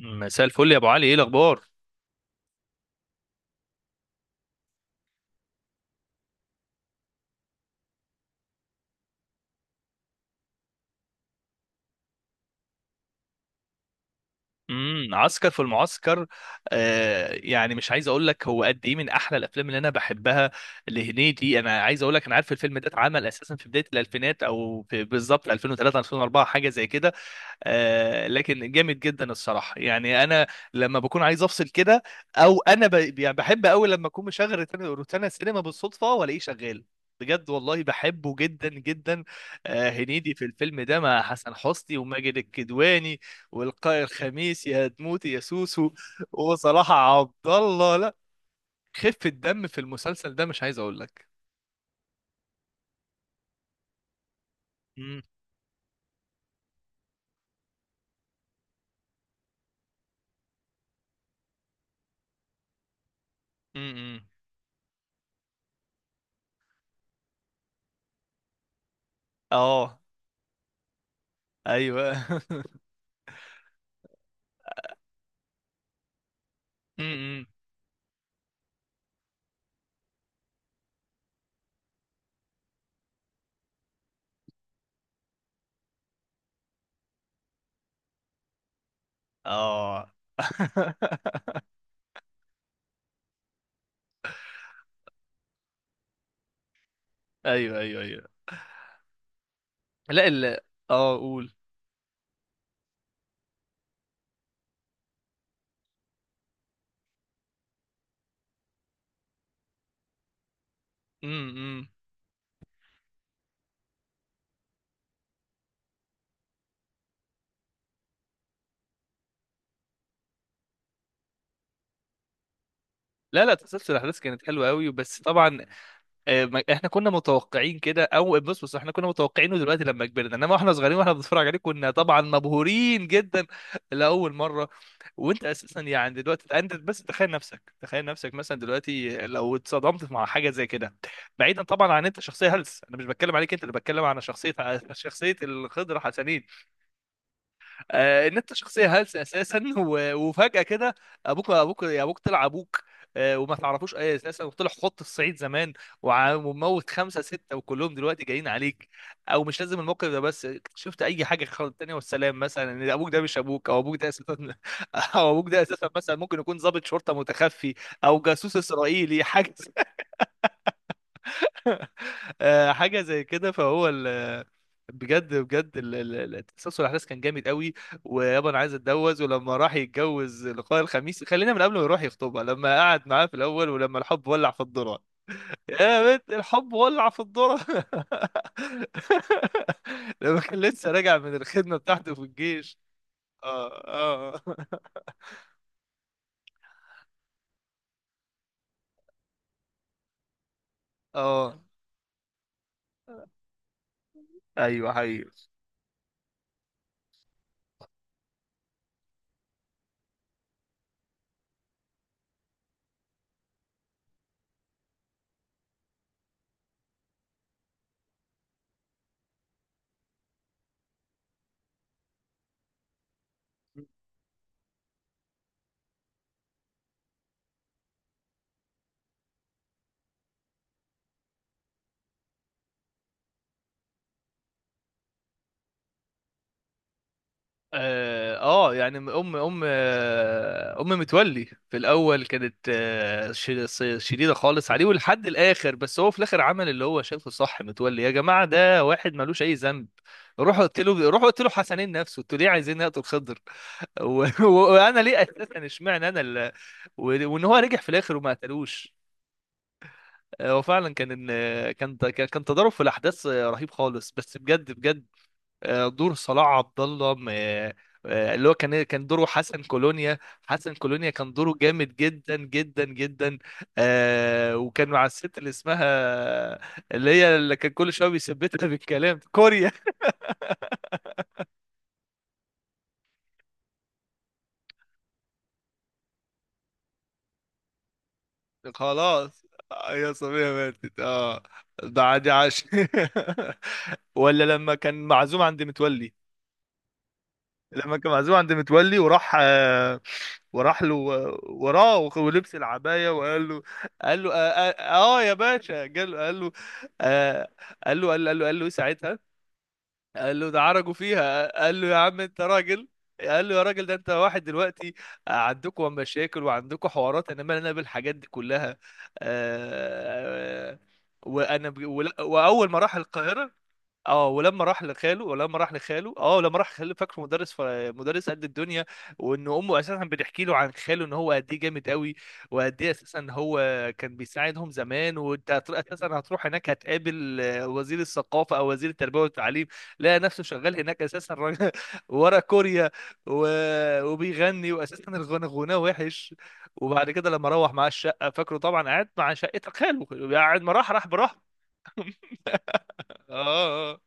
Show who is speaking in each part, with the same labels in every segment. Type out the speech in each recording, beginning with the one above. Speaker 1: مساء الفل يا ابو علي، ايه الاخبار؟ عسكر في المعسكر. يعني مش عايز اقول لك هو قد ايه من احلى الافلام اللي انا بحبها لهنيدي. انا عايز اقول لك انا عارف الفيلم ده اتعمل اساسا في بدايه الالفينات، او في بالظبط 2003 2004، حاجه زي كده. لكن جامد جدا الصراحه، يعني انا لما بكون عايز افصل كده، يعني بحب قوي لما اكون مشغل روتانا سينما بالصدفه والاقيه شغال. بجد والله بحبه جدا جدا. هنيدي في الفيلم ده مع حسن حسني وماجد الكدواني والقاء الخميس، يا تموتي يا سوسو، وصلاح عبد الله. لا، خفة دم في المسلسل ده مش عايز اقول لك. مم، مم، مم. اه، ايوه. مم، مم. اه. ايوه ايوه ايوه. لا، ال اه قول. امم لا لا، تسلسل الاحداث كانت حلوه قوي، بس طبعا احنا كنا متوقعين كده، او بص بص احنا كنا متوقعينه دلوقتي لما كبرنا، انما واحنا صغيرين واحنا بنتفرج عليه كنا طبعا مبهورين جدا لاول مره. وانت اساسا يعني دلوقتي انت بس تخيل نفسك، تخيل نفسك مثلا دلوقتي لو اتصدمت مع حاجه زي كده، بعيدا طبعا عن انت شخصيه هلس. انا مش بتكلم عليك انت، اللي بتكلم على شخصيه الخضر حسنين. ان انت شخصيه هلسه اساسا، وفجاه كده ابوك، ابوك يا ابوك، طلع ابوك وما تعرفوش اي اساسا، وطلع خط الصعيد زمان، وموت خمسه سته وكلهم دلوقتي جايين عليك. او مش لازم الموقف ده بس، شفت اي حاجه خالص تانية والسلام، مثلا ان ابوك ده مش ابوك، او ابوك ده اساسا او ابوك ده اساسا مثلا ممكن يكون ضابط شرطه متخفي، او جاسوس اسرائيلي حاجه حاجه زي كده. فهو ال بجد بجد، تسلسل الاحداث كان جامد قوي. ويابا انا عايز اتجوز، ولما راح يتجوز لقاء الخميس، خلينا من قبل ما يروح يخطبها، لما قعد معاه في الاول، ولما الحب ولع في الذره، يا بنت الحب ولع في الذره، لما كان لسه راجع من الخدمه بتاعته في الجيش. اه، اه، اه، ايوه، حقيقي. اه، يعني ام متولي في الاول كانت شديده خالص عليه ولحد الاخر، بس هو في الاخر عمل اللي هو شايفه صح. متولي يا جماعه ده واحد ملوش اي ذنب، روحوا قلت له، حسنين نفسه، انتوا ليه عايزين نقتل خضر؟ وانا ليه اساسا اشمعنى انا وان هو رجع في الاخر وما قتلوش. هو فعلا كان، كان، كان تضارب في الاحداث رهيب خالص، بس بجد بجد، دور صلاح عبد الله اللي هو كان دوره حسن كولونيا. حسن كولونيا كان دوره جامد جدا جدا جدا. وكان مع الست اللي اسمها، اللي كان كل شويه بيثبتها بالكلام كوريا. خلاص، يا صبيه ماتت، اه، ده عادي عاش. ولا لما كان معزوم عند متولي، وراح وراح له، وراه، ولبس العباية وقال له. قال له يا باشا، آه قال له قال له إيه ساعتها؟ قال له ده عرجوا فيها، قال له يا عم انت راجل، قال له يا راجل، ده انت واحد دلوقتي عندكم مشاكل وعندكم حوارات، انا مالي انا بالحاجات دي كلها. آه. واول ما راح القاهرة، اه، ولما راح لخاله اه لما راح خاله فاكره مدرس مدرس قد الدنيا. وان امه اساسا بتحكي له عن خاله ان هو قد ايه جامد قوي وقد ايه اساسا هو كان بيساعدهم زمان. وانت اساسا هتروح هناك هتقابل وزير الثقافه او وزير التربيه والتعليم. لقى نفسه شغال هناك اساسا راجل ورا كوريا و... وبيغني، واساسا الغنى غناه وحش. وبعد كده لما روح مع الشقه، فاكره طبعا قعد مع شقه خاله، قاعد ما راح، راح براحته. اه. آه. آه.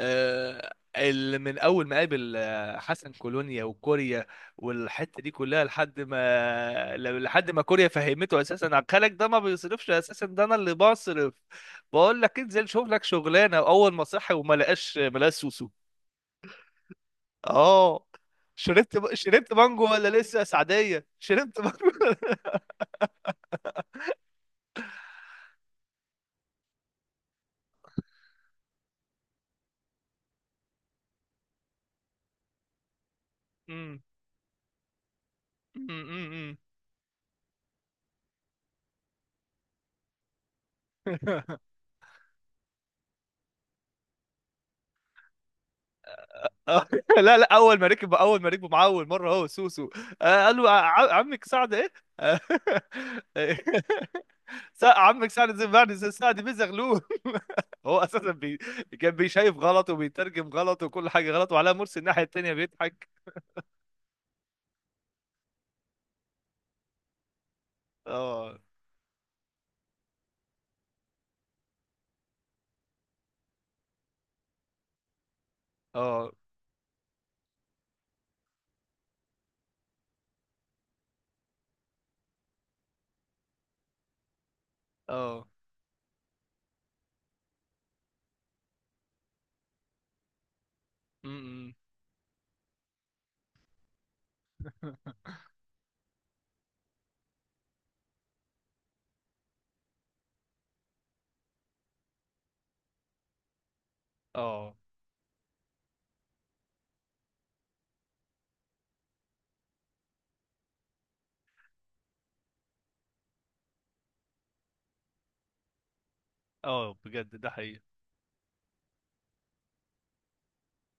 Speaker 1: اللي من اول ما قابل حسن كولونيا وكوريا والحته دي كلها، لحد ما لحد ما كوريا فهمته اساسا، عقلك ده ما بيصرفش، اساسا ده انا اللي بصرف، بقول لك انزل شوف لك شغلانه. اول ما صحي وما لقاش ما لقاش سوسو. اه، شربت مانجو ولا لسه، يا سعديه شربت مانجو. أمم، أمم، أمم، أمم. آه، لا لا، اول ما ركب، اول ما ركبوا معاه اول مره هو سوسو قال له عمك سعد ايه. آه، عمك سعد زي بعد زي سعد بيزغلول. هو اساسا كان بيشايف غلط وبيترجم غلط وكل حاجه غلط، وعلاء مرسي الناحيه التانيه بيضحك. اه، اه، اه. م-م. اه، اه، بجد ده حقيقي.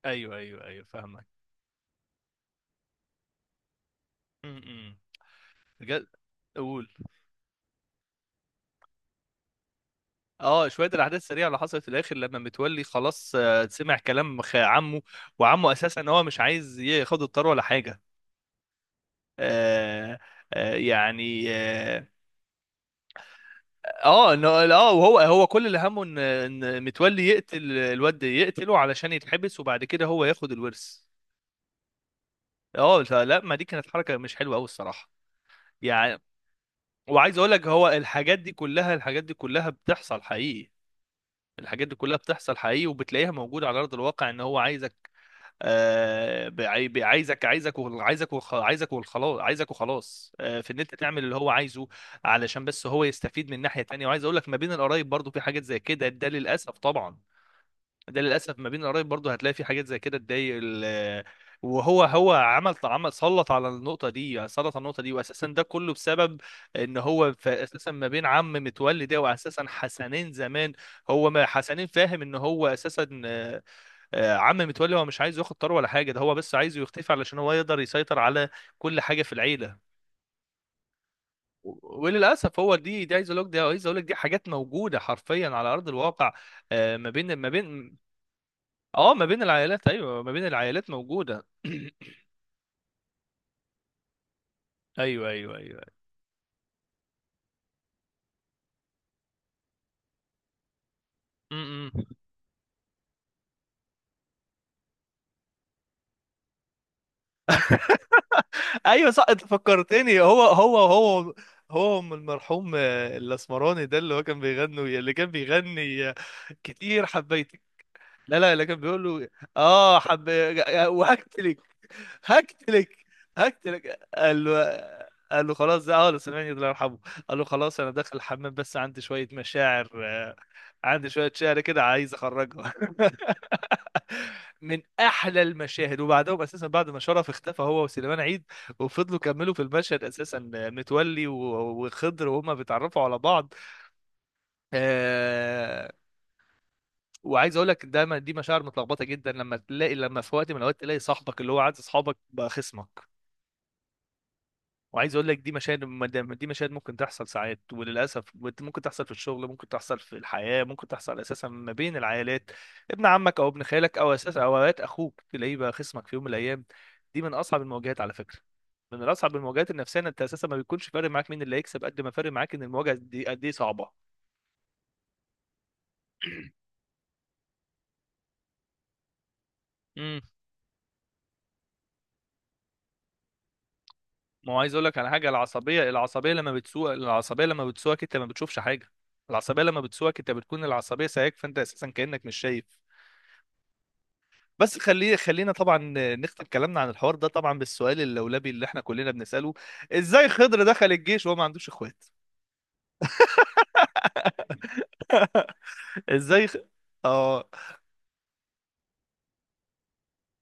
Speaker 1: ايوه ايوه ايوه، فاهمك. م-م. بجد، قول. اه، شويه الاحداث السريعه اللي حصلت في الاخر لما متولي خلاص سمع كلام عمه، وعمه اساسا هو مش عايز ياخد الطار ولا حاجه آه، آه يعني اه، اه، وهو، هو كل اللي همه ان ان متولي يقتل الواد، يقتله علشان يتحبس، وبعد كده هو ياخد الورث. اه لا لا، ما دي كانت حركه مش حلوه قوي الصراحه، يعني. وعايز اقول لك هو الحاجات دي كلها، الحاجات دي كلها بتحصل حقيقي الحاجات دي كلها بتحصل حقيقي، وبتلاقيها موجودة على أرض الواقع، إن هو عايزك عايزك، عايزك وخلاص، في ان انت تعمل اللي هو عايزه علشان بس هو يستفيد من ناحية تانية. وعايز اقول لك ما بين القرايب برضو في حاجات زي كده، ده للاسف طبعا، ده للاسف ما بين القرايب برضو هتلاقي في حاجات زي كده تضايق وهو، هو عمل، عمل سلط على النقطة دي، واساسا ده كله بسبب ان هو اساسا ما بين عم متولي ده واساسا حسنين زمان. هو ما حسنين فاهم ان هو اساسا عم متولي هو مش عايز ياخد طار ولا حاجه، ده هو بس عايزه يختفي علشان هو يقدر يسيطر على كل حاجه في العيله. وللاسف هو دي عايز اقول لك دي حاجات موجوده حرفيا على ارض الواقع ما بين، ما بين، اه، ما بين العائلات، ايوه ما بين العائلات موجوده. ايوه ايوه ايوه. م- م. ايوه صح، انت فكرتني. هو، هو أم المرحوم الاسمراني ده اللي هو كان بيغني، اللي كان بيغني آه، كتير حبيتك. لا لا، اللي كان بيقول له اه حب وهكتلك، هقتلك، هقتلك قال له. قال له خلاص، ده اه سليمان الله يرحمه، قال له خلاص انا داخل الحمام بس عندي شويه مشاعر عندي شويه شعر كده عايز اخرجها، من احلى المشاهد. وبعدهم اساسا بعد ما شرف اختفى هو وسليمان عيد، وفضلوا كملوا في المشهد اساسا متولي وخضر وهما بيتعرفوا على بعض. آه، وعايز اقول لك دايما دي مشاعر متلخبطه جدا لما تلاقي، لما في وقت من الاوقات تلاقي صاحبك اللي هو عايز اصحابك بقى خصمك. وعايز اقول لك دي مشاهد، دي مشاهد ممكن تحصل ساعات، وللاسف ممكن تحصل في الشغل، ممكن تحصل في الحياه، ممكن تحصل اساسا ما بين العائلات، ابن عمك او ابن خالك او اساسا او اوقات اخوك تلاقيه بقى خصمك في يوم من الايام. دي من اصعب المواجهات على فكره، من اصعب المواجهات النفسيه، إن انت اساسا ما بيكونش فارق معاك مين اللي هيكسب قد ما فارق معاك ان المواجهه دي قد ايه صعبه. امم ما هو عايز اقول لك على حاجه، العصبيه، العصبيه لما بتسوق، العصبيه لما بتسوقك انت ما بتشوفش حاجه. العصبيه لما بتسوقك انت بتكون العصبيه سايقك، فانت اساسا كانك مش شايف. بس خلينا طبعا نختم كلامنا عن الحوار ده طبعا بالسؤال اللولبي اللي احنا كلنا بنسأله، ازاي خضر دخل الجيش وهو ما عندوش اخوات؟ ازاي خ... اه،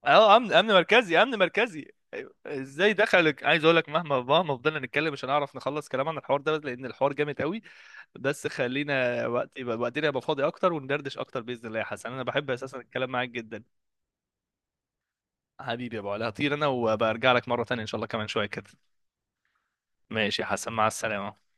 Speaker 1: اه، امن مركزي، أيوة. ازاي دخل، عايز اقول لك مهما، فضلنا نتكلم مش هنعرف نخلص كلام عن الحوار ده لان الحوار جامد قوي. بس خلينا وقت يبقى، وقتنا يبقى فاضي اكتر وندردش اكتر، باذن الله يا حسن، انا بحب اساسا الكلام معاك جدا. حبيبي يا ابو علي، هطير انا وبرجع لك مره تانية ان شاء الله كمان شويه كده. ماشي يا حسن، مع السلامه.